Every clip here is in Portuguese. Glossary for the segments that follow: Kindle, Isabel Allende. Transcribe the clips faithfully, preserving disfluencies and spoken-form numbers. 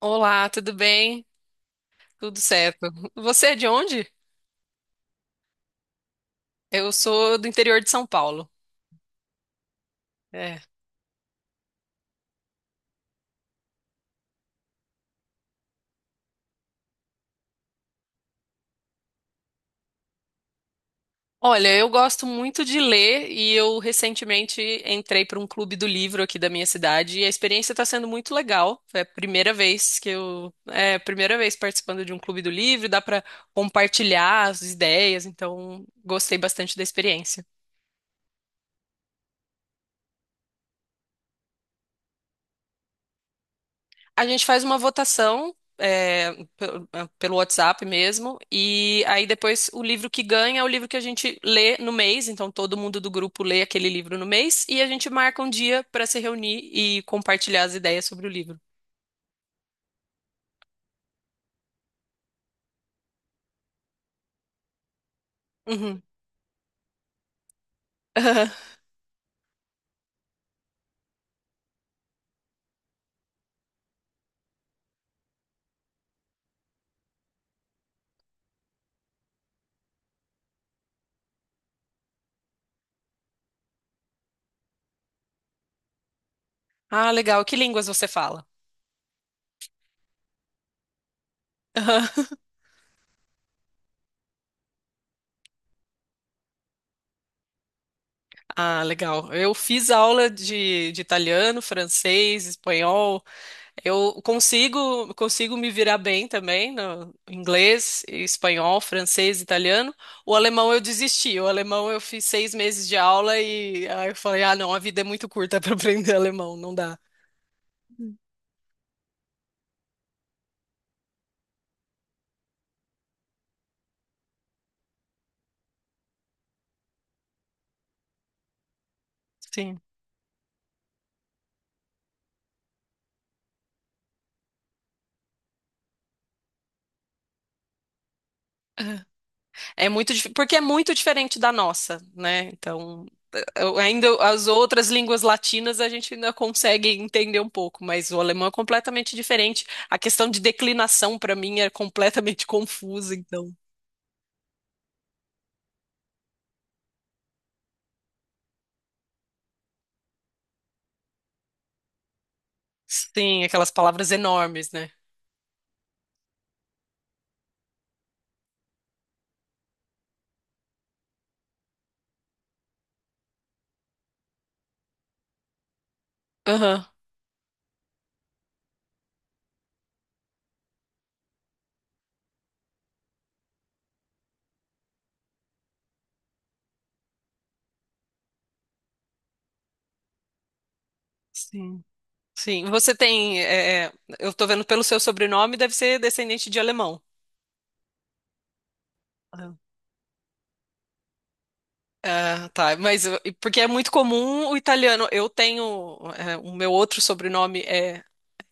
Olá, tudo bem? Tudo certo. Você é de onde? Eu sou do interior de São Paulo. É. Olha, eu gosto muito de ler e eu recentemente entrei para um clube do livro aqui da minha cidade e a experiência está sendo muito legal. É a primeira vez que eu, É a primeira vez participando de um clube do livro, dá para compartilhar as ideias, então gostei bastante da experiência. A gente faz uma votação é, pe- é, pelo WhatsApp mesmo, e aí depois o livro que ganha é o livro que a gente lê no mês, então todo mundo do grupo lê aquele livro no mês, e a gente marca um dia para se reunir e compartilhar as ideias sobre o livro. Uhum. Ah, legal. Que línguas você fala? Ah, legal. Eu fiz aula de, de italiano, francês, espanhol. Eu consigo, consigo me virar bem também no inglês, espanhol, francês, italiano. O alemão eu desisti. O alemão eu fiz seis meses de aula e aí eu falei, ah, não, a vida é muito curta para aprender alemão, não dá. Sim. É muito, dif- porque é muito diferente da nossa, né? Então, eu- ainda as outras línguas latinas a gente ainda consegue entender um pouco, mas o alemão é completamente diferente. A questão de declinação para mim é completamente confusa, então. Sim, aquelas palavras enormes, né? Aham. Sim. Sim. Você tem. É, é, eu tô vendo pelo seu sobrenome, deve ser descendente de alemão. Aham. Ah, tá. Mas eu- porque é muito comum o italiano. Eu tenho. é, o meu outro sobrenome é,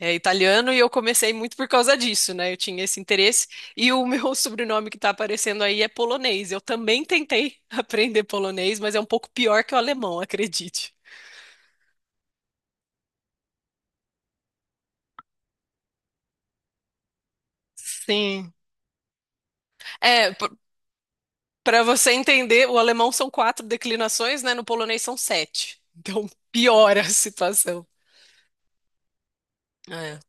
é italiano e eu comecei muito por causa disso, né? Eu tinha esse interesse. E o meu sobrenome que tá aparecendo aí é polonês. Eu também tentei aprender polonês, mas é um pouco pior que o alemão, acredite. Sim. É, para você entender, o alemão são quatro declinações, né? No polonês são sete. Então piora a situação. É.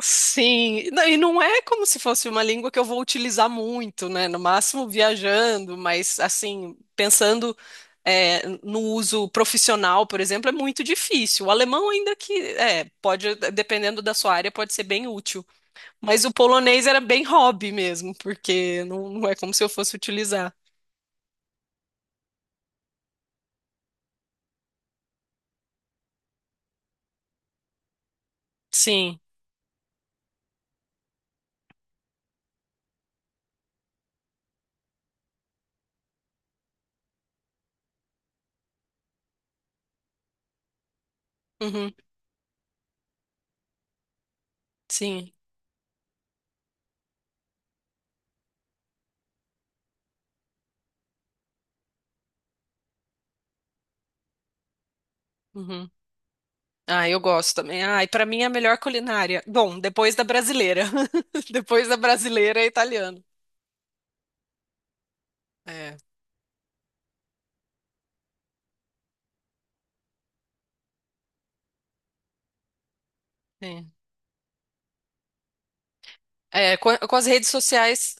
Sim, não- e não é como se fosse uma língua que eu vou utilizar muito, né? No máximo viajando, mas assim, pensando é, no uso profissional, por exemplo, é muito difícil. O alemão, ainda que é, pode, dependendo da sua área, pode ser bem útil. Mas o polonês era bem hobby mesmo, porque não, não é como se eu fosse utilizar. Sim. Uhum. Sim. Uhum. Ah, eu gosto também. Ah, e para mim é a melhor culinária. Bom, depois da brasileira. Depois da brasileira é italiano. É, sim. É, com, com as redes sociais,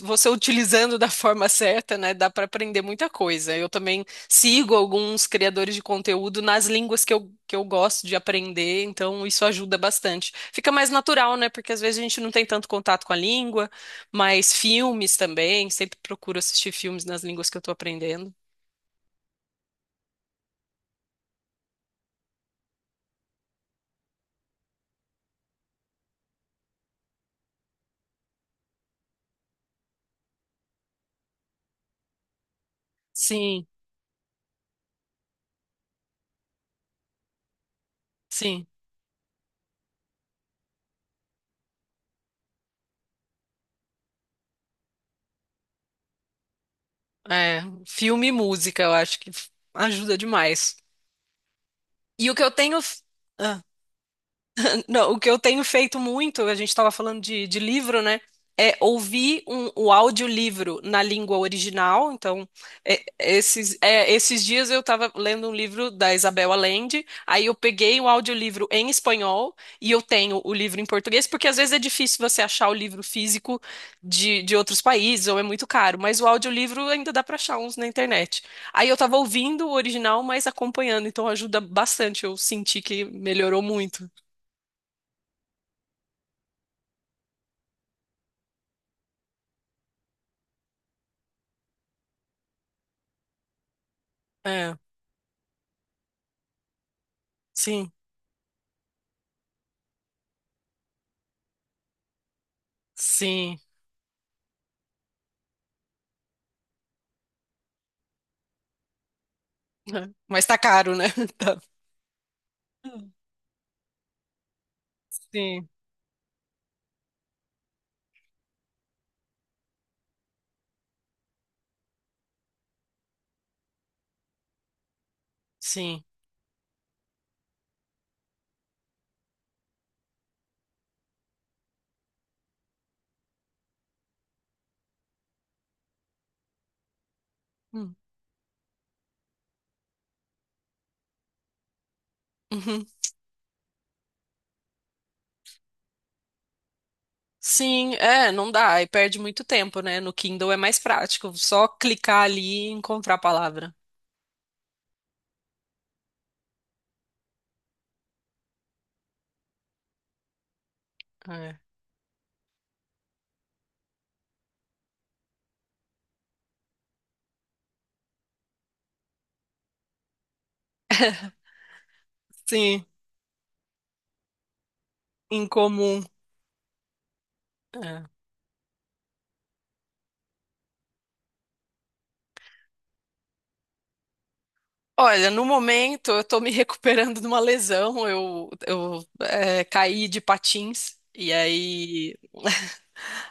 você utilizando da forma certa, né, dá para aprender muita coisa. Eu também sigo alguns criadores de conteúdo nas línguas que eu, que eu gosto de aprender, então isso ajuda bastante. Fica mais natural, né, porque às vezes a gente não tem tanto contato com a língua, mas filmes também, sempre procuro assistir filmes nas línguas que eu estou aprendendo. Sim, sim. É, filme e música, eu acho que ajuda demais. E o que eu tenho. Não, o que eu tenho feito muito, a gente estava falando de, de livro, né? É ouvir um, o audiolivro na língua original. Então, é, esses, é, esses dias eu estava lendo um livro da Isabel Allende, aí eu peguei o audiolivro em espanhol e eu tenho o livro em português, porque às vezes é difícil você achar o livro físico de, de outros países ou é muito caro, mas o audiolivro ainda dá para achar uns na internet. Aí eu estava ouvindo o original, mas acompanhando, então ajuda bastante. Eu senti que melhorou muito. É. Sim, sim. Mas tá caro, né? Tá. Sim, sim. Hum. Uhum. Sim, é, não dá. E perde muito tempo, né? No Kindle é mais prático. Só clicar ali e encontrar a palavra. É. Sim, incomum. É. Olha, no momento eu tô me recuperando de uma lesão. Eu, eu é, caí de patins. E aí.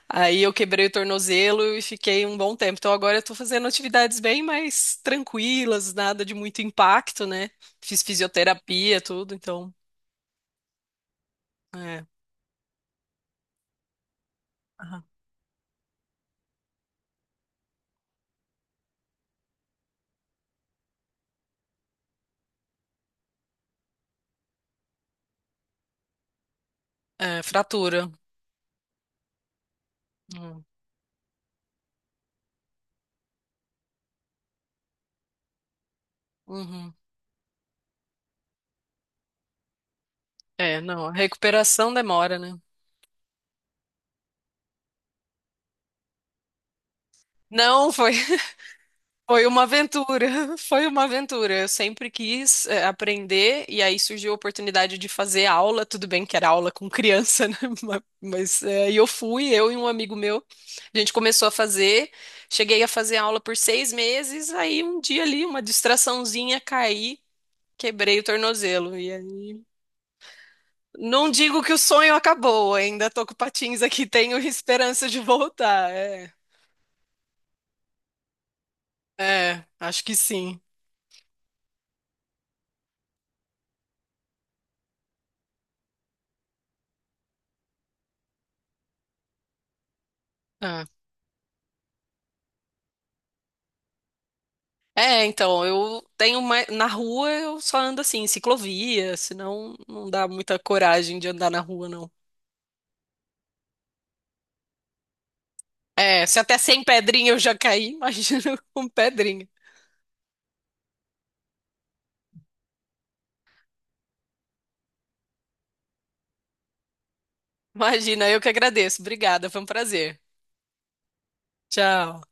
Aí eu quebrei o tornozelo e fiquei um bom tempo. Então agora eu tô fazendo atividades bem mais tranquilas, nada de muito impacto, né? Fiz fisioterapia, tudo, então. É, Aham. é fratura. Hum, uhum. É, não, a recuperação demora, né? Não, foi. Foi uma aventura, foi uma aventura. Eu sempre quis eh, aprender e aí surgiu a oportunidade de fazer aula. Tudo bem que era aula com criança, né? Ma- Mas eh, e eu fui, eu e um amigo meu. A gente começou a fazer, cheguei a fazer aula por seis meses. Aí um dia ali, uma distraçãozinha, caí, quebrei o tornozelo. E aí, não digo que o sonho acabou, ainda tô com patins aqui, tenho esperança de voltar. É, é, acho que sim. Ah. É, então, eu tenho mais. Na rua eu só ando assim, em ciclovia, senão não dá muita coragem de andar na rua, não. É, se até sem pedrinha eu já caí, imagina com pedrinha. Imagina, eu que agradeço. Obrigada, foi um prazer. Tchau.